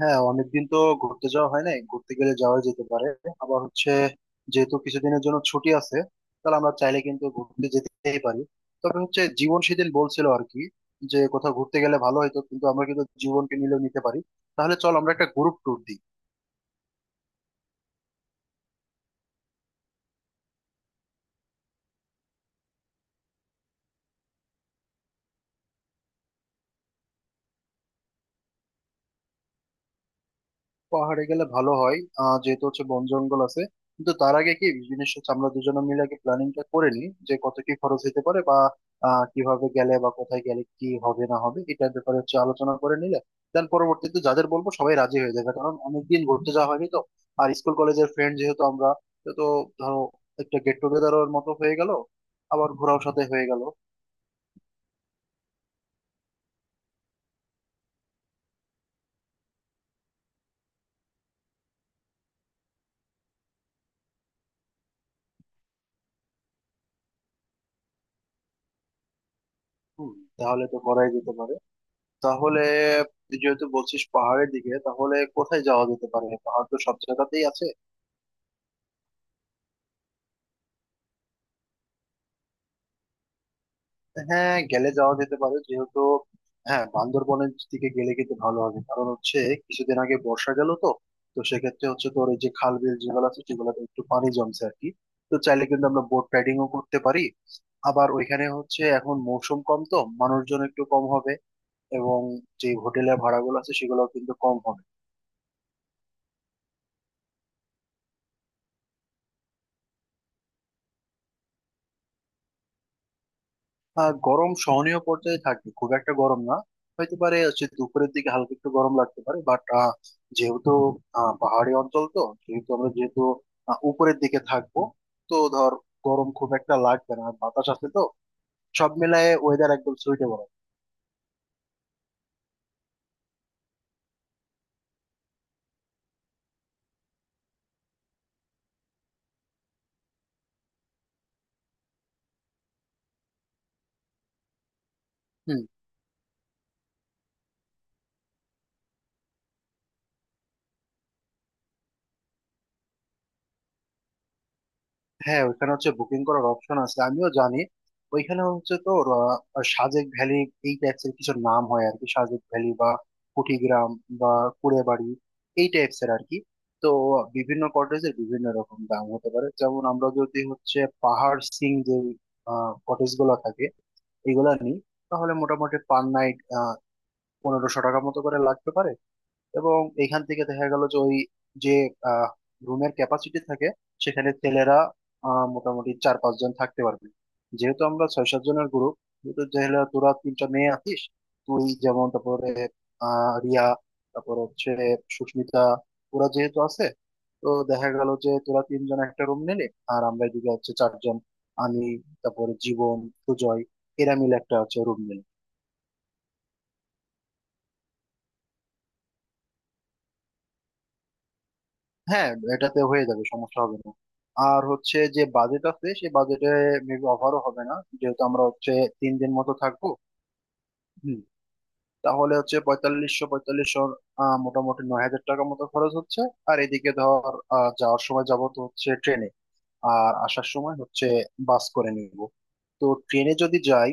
হ্যাঁ, অনেকদিন তো ঘুরতে যাওয়া হয় নাই, ঘুরতে গেলে যাওয়া যেতে পারে। আবার হচ্ছে যেহেতু কিছুদিনের জন্য ছুটি আছে, তাহলে আমরা চাইলে কিন্তু ঘুরতে যেতেই পারি। তবে হচ্ছে জীবন সেদিন বলছিল আর কি, যে কোথাও ঘুরতে গেলে ভালো হতো, কিন্তু আমরা কিন্তু জীবনকে নিলেও নিতে পারি। তাহলে চল আমরা একটা গ্রুপ ট্যুর দিই। পাহাড়ে গেলে ভালো হয়। যেহেতু হচ্ছে বন জঙ্গল আছে, কিন্তু তার আগে কি জিনিস হচ্ছে, আমরা দুজনে মিলে আগে প্ল্যানিংটা করে নিই যে কত কি খরচ হতে পারে বা কিভাবে গেলে বা কোথায় গেলে কি হবে না হবে এটার ব্যাপারে হচ্ছে আলোচনা করে নিলে দেন পরবর্তীতে যাদের বলবো সবাই রাজি হয়ে যাবে, কারণ অনেকদিন ঘুরতে যাওয়া হয়নি তো। আর স্কুল কলেজের ফ্রেন্ড যেহেতু আমরা, তো ধরো একটা গেট টুগেদারের মতো হয়ে গেল, আবার ঘোরাও সাথে হয়ে গেল। হম, তাহলে তো করাই যেতে পারে। তাহলে তুই যেহেতু বলছিস পাহাড়ের দিকে, তাহলে কোথায় যাওয়া যেতে পারে, পাহাড় তো সব জায়গাতেই আছে। হ্যাঁ, গেলে যাওয়া যেতে পারে যেহেতু। হ্যাঁ, বান্দরবনের দিকে গেলে কিন্তু ভালো হবে, কারণ হচ্ছে কিছুদিন আগে বর্ষা গেল তো। তো সেক্ষেত্রে হচ্ছে তোর এই যে খাল বিল যেগুলো আছে সেগুলোতে একটু পানি জমছে আর কি। তো চাইলে কিন্তু আমরা বোট রাইডিংও করতে পারি। আবার ওইখানে হচ্ছে এখন মৌসুম কম তো মানুষজন একটু কম হবে, এবং যে হোটেলের ভাড়াগুলো আছে সেগুলোও কিন্তু কম হবে। গরম সহনীয় পর্যায়ে থাকবে, খুব একটা গরম না। হয়তো পারে হচ্ছে দুপুরের দিকে হালকা একটু গরম লাগতে পারে, বাট যেহেতু পাহাড়ি অঞ্চল তো, যেহেতু আমরা যেহেতু উপরের দিকে থাকবো, তো ধর গরম খুব একটা লাগবে না, আর বাতাস আছে তো। সব মিলায়ে ওয়েদার একদম সুইটেবল। হুম, হ্যাঁ ওইখানে হচ্ছে বুকিং করার অপশন আছে, আমিও জানি। ওইখানে হচ্ছে তো আহ, সাজেক ভ্যালি, এই টাইপস এর কিছু নাম হয় আর কি, সাজেক ভ্যালি বা কুটিগ্রাম বা কুড়েবাড়ি, এই টাইপস এর আর কি। তো বিভিন্ন কটেজের বিভিন্ন রকম দাম হতে পারে। যেমন আমরা যদি হচ্ছে পাহাড় সিং যে কটেজ গুলো থাকে এগুলা নিই, তাহলে মোটামুটি পার নাইট 1500 টাকা মতো করে লাগতে পারে। এবং এখান থেকে দেখা গেল যে ওই যে রুমের ক্যাপাসিটি থাকে, সেখানে ছেলেরা মোটামুটি চার পাঁচজন থাকতে পারবে। যেহেতু আমরা ছয় সাত জনের গ্রুপ, যেহেতু যেহেতু তোরা তিনটা মেয়ে আছিস, তুই যেমন, তারপরে রিয়া, তারপর হচ্ছে সুস্মিতা, ওরা যেহেতু আছে। তো দেখা গেল যে তোরা তিনজন একটা রুম নিলে, আর আমরা এদিকে হচ্ছে চারজন, আমি, তারপরে জীবন, সুজয়, এরা মিলে একটা হচ্ছে রুম নিলাম। হ্যাঁ, এটাতে হয়ে যাবে, সমস্যা হবে না। আর হচ্ছে যে বাজেট আছে সেই বাজেটে মেবি অফারও হবে না, যেহেতু আমরা হচ্ছে 3 দিন মতো থাকবো। হুম। তাহলে হচ্ছে পঁয়তাল্লিশশো পঁয়তাল্লিশশো, মোটামুটি 9,000 টাকা মতো খরচ হচ্ছে। আর এদিকে ধর যাওয়ার সময় যাবো তো হচ্ছে ট্রেনে, আর আসার সময় হচ্ছে বাস করে নিব। তো ট্রেনে যদি যাই,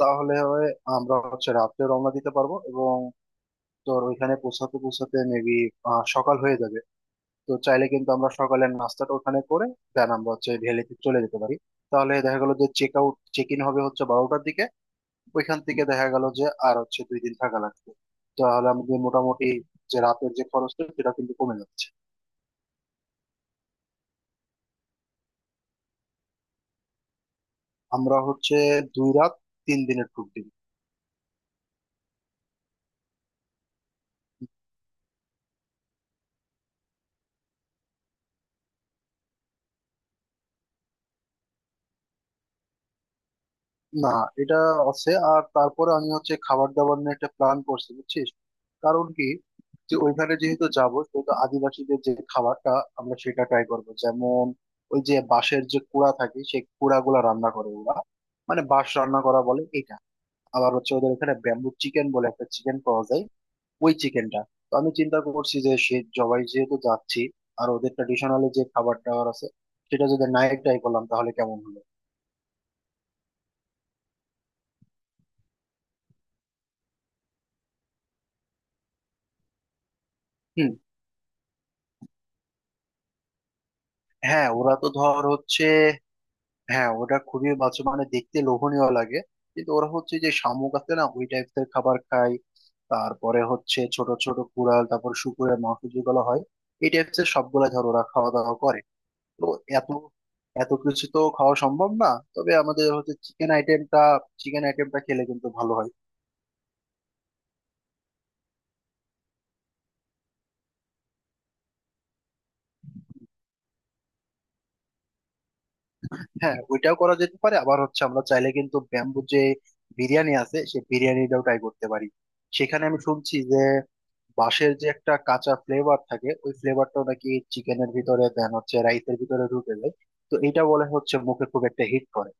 তাহলে হয় আমরা হচ্ছে রাত্রে রওনা দিতে পারবো, এবং তোর ওইখানে পৌঁছাতে পৌঁছাতে মেবি সকাল হয়ে যাবে। তো চাইলে কিন্তু আমরা সকালের নাস্তাটা ওখানে করে দেন আমরা হচ্ছে ভ্যালিতে চলে যেতে পারি। তাহলে দেখা গেল যে চেক আউট চেক ইন হবে হচ্ছে বারোটার দিকে। ওইখান থেকে দেখা গেল যে আর হচ্ছে 2 দিন থাকা লাগবে। তাহলে আমাদের মোটামুটি যে রাতের যে খরচটা, সেটা কিন্তু কমে যাচ্ছে। আমরা হচ্ছে 2 রাত 3 দিনের ট্যুর দিন। না, এটা আছে। আর তারপরে আমি হচ্ছে খাবার দাবার নিয়ে একটা প্ল্যান করছি, বুঝছিস? কারণ কি, যে ওইখানে যেহেতু যাবো, সেহেতু আদিবাসীদের যে খাবারটা, আমরা সেটা ট্রাই করবো। যেমন ওই যে বাঁশের যে কুড়া থাকে, সেই কুড়া গুলা রান্না করে ওরা। মানে বাঁশ রান্না করা বলে এটা। আবার হচ্ছে ওদের ওখানে ব্যাম্বু চিকেন বলে একটা চিকেন পাওয়া যায়, ওই চিকেনটা। তো আমি চিন্তা করছি যে সে জবাই যেহেতু যাচ্ছি, আর ওদের ট্রেডিশনালি যে খাবার দাবার আছে, সেটা যদি নাই ট্রাই করলাম তাহলে কেমন হলো। হুম, হ্যাঁ ওরা তো ধর হচ্ছে, হ্যাঁ ওটা খুবই বাচ্চা, মানে দেখতে লোভনীয় লাগে। কিন্তু ওরা হচ্ছে যে শামুক আছে না, ওই টাইপের খাবার খায়। তারপরে হচ্ছে ছোট ছোট কুড়াল, তারপর শুকুরের মাংস যেগুলো হয়, এই টাইপের সবগুলা ধর ওরা খাওয়া দাওয়া করে। তো এত এত কিছু তো খাওয়া সম্ভব না। তবে আমাদের হচ্ছে চিকেন আইটেমটা খেলে কিন্তু ভালো হয়। হ্যাঁ, ওইটাও করা যেতে পারে। আবার হচ্ছে আমরা চাইলে কিন্তু ব্যাম্বু যে বিরিয়ানি আছে, সেই বিরিয়ানিটাও ট্রাই করতে পারি। সেখানে আমি শুনছি যে বাঁশের যে একটা কাঁচা ফ্লেভার থাকে, ওই ফ্লেভারটাও নাকি চিকেনের ভিতরে দেন হচ্ছে রাইসের ভিতরে ঢুকে যায়। তো এটা বলে হচ্ছে মুখে খুব একটা হিট করে।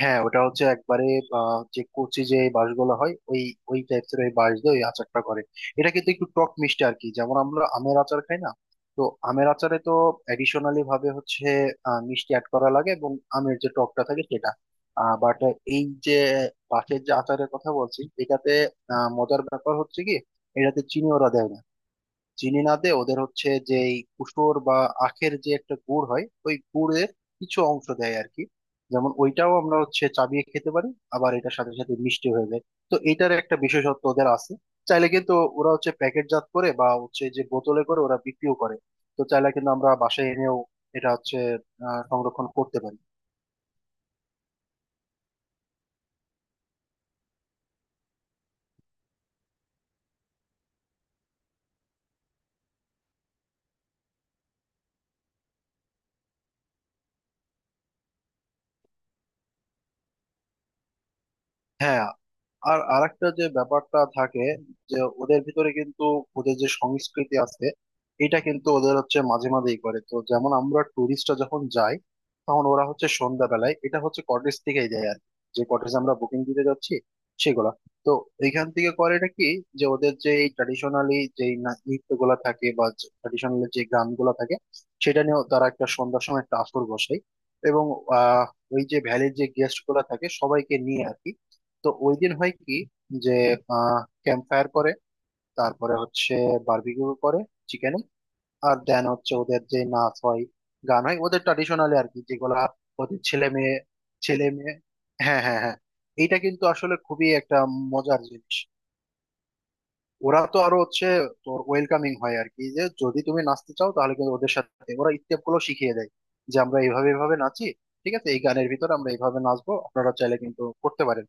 হ্যাঁ, ওটা হচ্ছে একবারে যে কচি যে বাঁশগুলো হয়, ওই ওই টাইপের ওই বাঁশ দিয়ে ওই আচারটা করে। এটা কিন্তু একটু টক মিষ্টি আর কি, যেমন আমরা আমের আচার খাই না। তো আমের আচারে তো এডিশনালি ভাবে হচ্ছে মিষ্টি অ্যাড করা লাগে, এবং আমের যে টকটা থাকে সেটা, বাট এই যে বাঁশের যে আচারের কথা বলছি এটাতে, মজার ব্যাপার হচ্ছে কি, এটাতে চিনি ওরা দেয় না। চিনি না দে ওদের হচ্ছে যে এই কুসুর বা আখের যে একটা গুড় হয়, ওই গুড়ের কিছু অংশ দেয় আর কি। যেমন ওইটাও আমরা হচ্ছে চাবিয়ে খেতে পারি, আবার এটার সাথে সাথে মিষ্টি হয়ে যায়। তো এটার একটা বিশেষত্ব ওদের আছে। চাইলে কিন্তু ওরা হচ্ছে প্যাকেটজাত করে বা হচ্ছে যে বোতলে করে ওরা বিক্রিও করে। তো চাইলে কিন্তু আমরা বাসায় এনেও এটা হচ্ছে সংরক্ষণ করতে পারি। হ্যাঁ, আর আরেকটা যে ব্যাপারটা থাকে, যে ওদের ভিতরে কিন্তু ওদের যে সংস্কৃতি আছে, এটা কিন্তু ওদের হচ্ছে মাঝে মাঝেই করে তো। যেমন আমরা টুরিস্টরা যখন যাই, তখন ওরা হচ্ছে সন্ধ্যাবেলায় এটা হচ্ছে কটেজ থেকেই দেয় আর কি। যে কটেজ আমরা বুকিং দিতে যাচ্ছি সেগুলা, তো এইখান থেকে করে এটা কি, যে ওদের যে এই ট্র্যাডিশনালি যে নৃত্যগুলা থাকে বা ট্র্যাডিশনালি যে গানগুলা থাকে, সেটা নিয়েও তারা একটা সন্ধ্যার সময় একটা আসর বসায়। এবং আহ ওই যে ভ্যালির যে গেস্ট গুলা থাকে সবাইকে নিয়ে আর কি। তো ওই দিন হয় কি, যে ক্যাম্প ফায়ার করে, তারপরে হচ্ছে বারবিকিউ করে চিকেনে, আর দেন হচ্ছে ওদের যে নাচ হয়, গান হয় ওদের ট্রাডিশনালি আর কি যেগুলা। ওদের ছেলে মেয়ে, ছেলে মেয়ে, হ্যাঁ হ্যাঁ হ্যাঁ। এটা কিন্তু আসলে খুবই একটা মজার জিনিস। ওরা তো আরো হচ্ছে তোর ওয়েলকামিং হয় আর কি, যে যদি তুমি নাচতে চাও, তাহলে কিন্তু ওদের সাথে ওরা স্টেপ গুলো শিখিয়ে দেয়, যে আমরা এইভাবে এইভাবে নাচি, ঠিক আছে এই গানের ভিতরে আমরা এইভাবে নাচবো, আপনারা চাইলে কিন্তু করতে পারেন।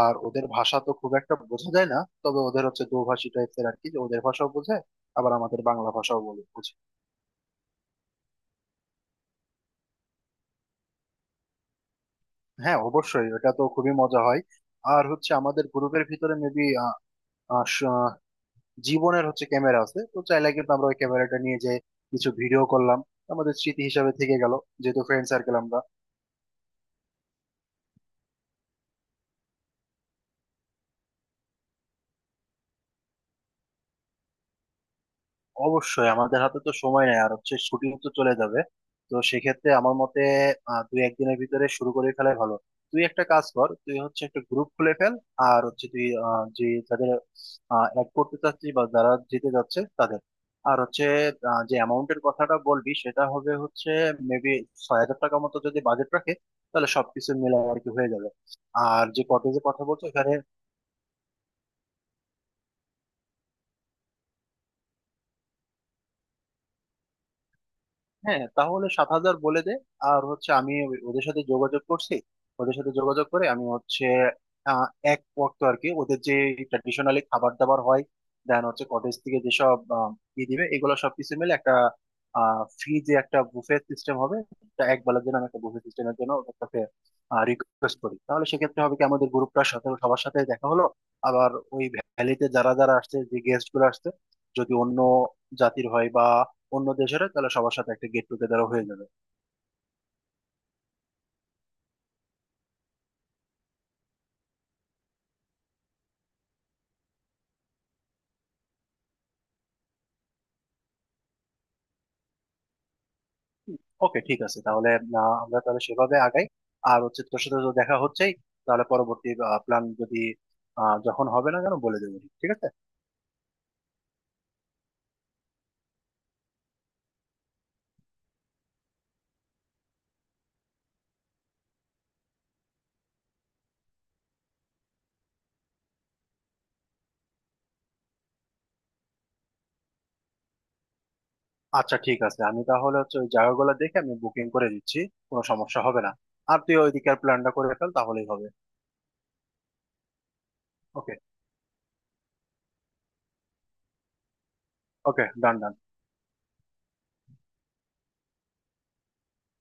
আর ওদের ভাষা তো খুব একটা বোঝা যায় না, তবে ওদের হচ্ছে দোভাষী টাইপের আর কি, যে ওদের ভাষাও বোঝে, আবার আমাদের বাংলা ভাষাও বলে বুঝে। হ্যাঁ, অবশ্যই ওটা তো খুবই মজা হয়। আর হচ্ছে আমাদের গ্রুপের ভিতরে মেবি জীবনের হচ্ছে ক্যামেরা আছে, তো চাইলে কিন্তু আমরা ওই ক্যামেরাটা নিয়ে যে কিছু ভিডিও করলাম, আমাদের স্মৃতি হিসাবে থেকে গেল, যেহেতু ফ্রেন্ড সার্কেল আমরা। অবশ্যই, আমাদের হাতে তো সময় নেই, আর হচ্ছে শুটিং তো চলে যাবে। তো সেক্ষেত্রে আমার মতে দুই একদিনের ভিতরে শুরু করে ফেলাই ভালো। তুই একটা কাজ কর, তুই হচ্ছে একটা গ্রুপ খুলে ফেল, আর হচ্ছে তুই যে যাদের অ্যাড করতে চাচ্ছিস বা যারা যেতে যাচ্ছে তাদের, আর হচ্ছে যে অ্যামাউন্টের কথাটা বলবি সেটা হবে হচ্ছে মেবি 6,000 টাকা মতো যদি বাজেট রাখে তাহলে সবকিছু মিলে আর কি হয়ে যাবে। আর যে কটেজের কথা বলছো এখানে, হ্যাঁ তাহলে 7,000 বলে দে। আর হচ্ছে আমি ওদের সাথে যোগাযোগ করছি, ওদের সাথে যোগাযোগ করে আমি হচ্ছে আহ, এক ওয়াক্ত আর কি ওদের যে ট্র্যাডিশনালি খাবার দাবার হয়, দেন হচ্ছে কটেজ থেকে যেসব ই দিবে, এগুলো সবকিছু মিলে একটা ফ্রি যে একটা বুফে সিস্টেম হবে। তা এক বেলার জন্য আমি একটা বুফে সিস্টেমের জন্য ওদের কাছে রিকোয়েস্ট করি, তাহলে সেক্ষেত্রে হবে কি, আমাদের গ্রুপটার সাথে সবার সাথে দেখা হলো, আবার ওই ভ্যালিতে যারা যারা আসছে যে গেস্ট গুলো আসছে, যদি অন্য জাতির হয় বা অন্য দেশেরও, তাহলে সবার সাথে একটা গেট টুগেদারও হয়ে যাবে। ওকে, ঠিক আছে, তাহলে আমরা তাহলে সেভাবে আগাই। আর হচ্ছে তোর সাথে তো দেখা হচ্ছেই, তাহলে পরবর্তী প্ল্যান যদি যখন হবে না কেন বলে দেবো, ঠিক আছে। আচ্ছা ঠিক আছে, আমি তাহলে হচ্ছে ওই জায়গাগুলো দেখে আমি বুকিং করে দিচ্ছি, কোনো সমস্যা হবে না। আর তুই ওইদিকের প্ল্যানটা করে ফেল, তাহলেই হবে। ওকে, ওকে, ডান ডান।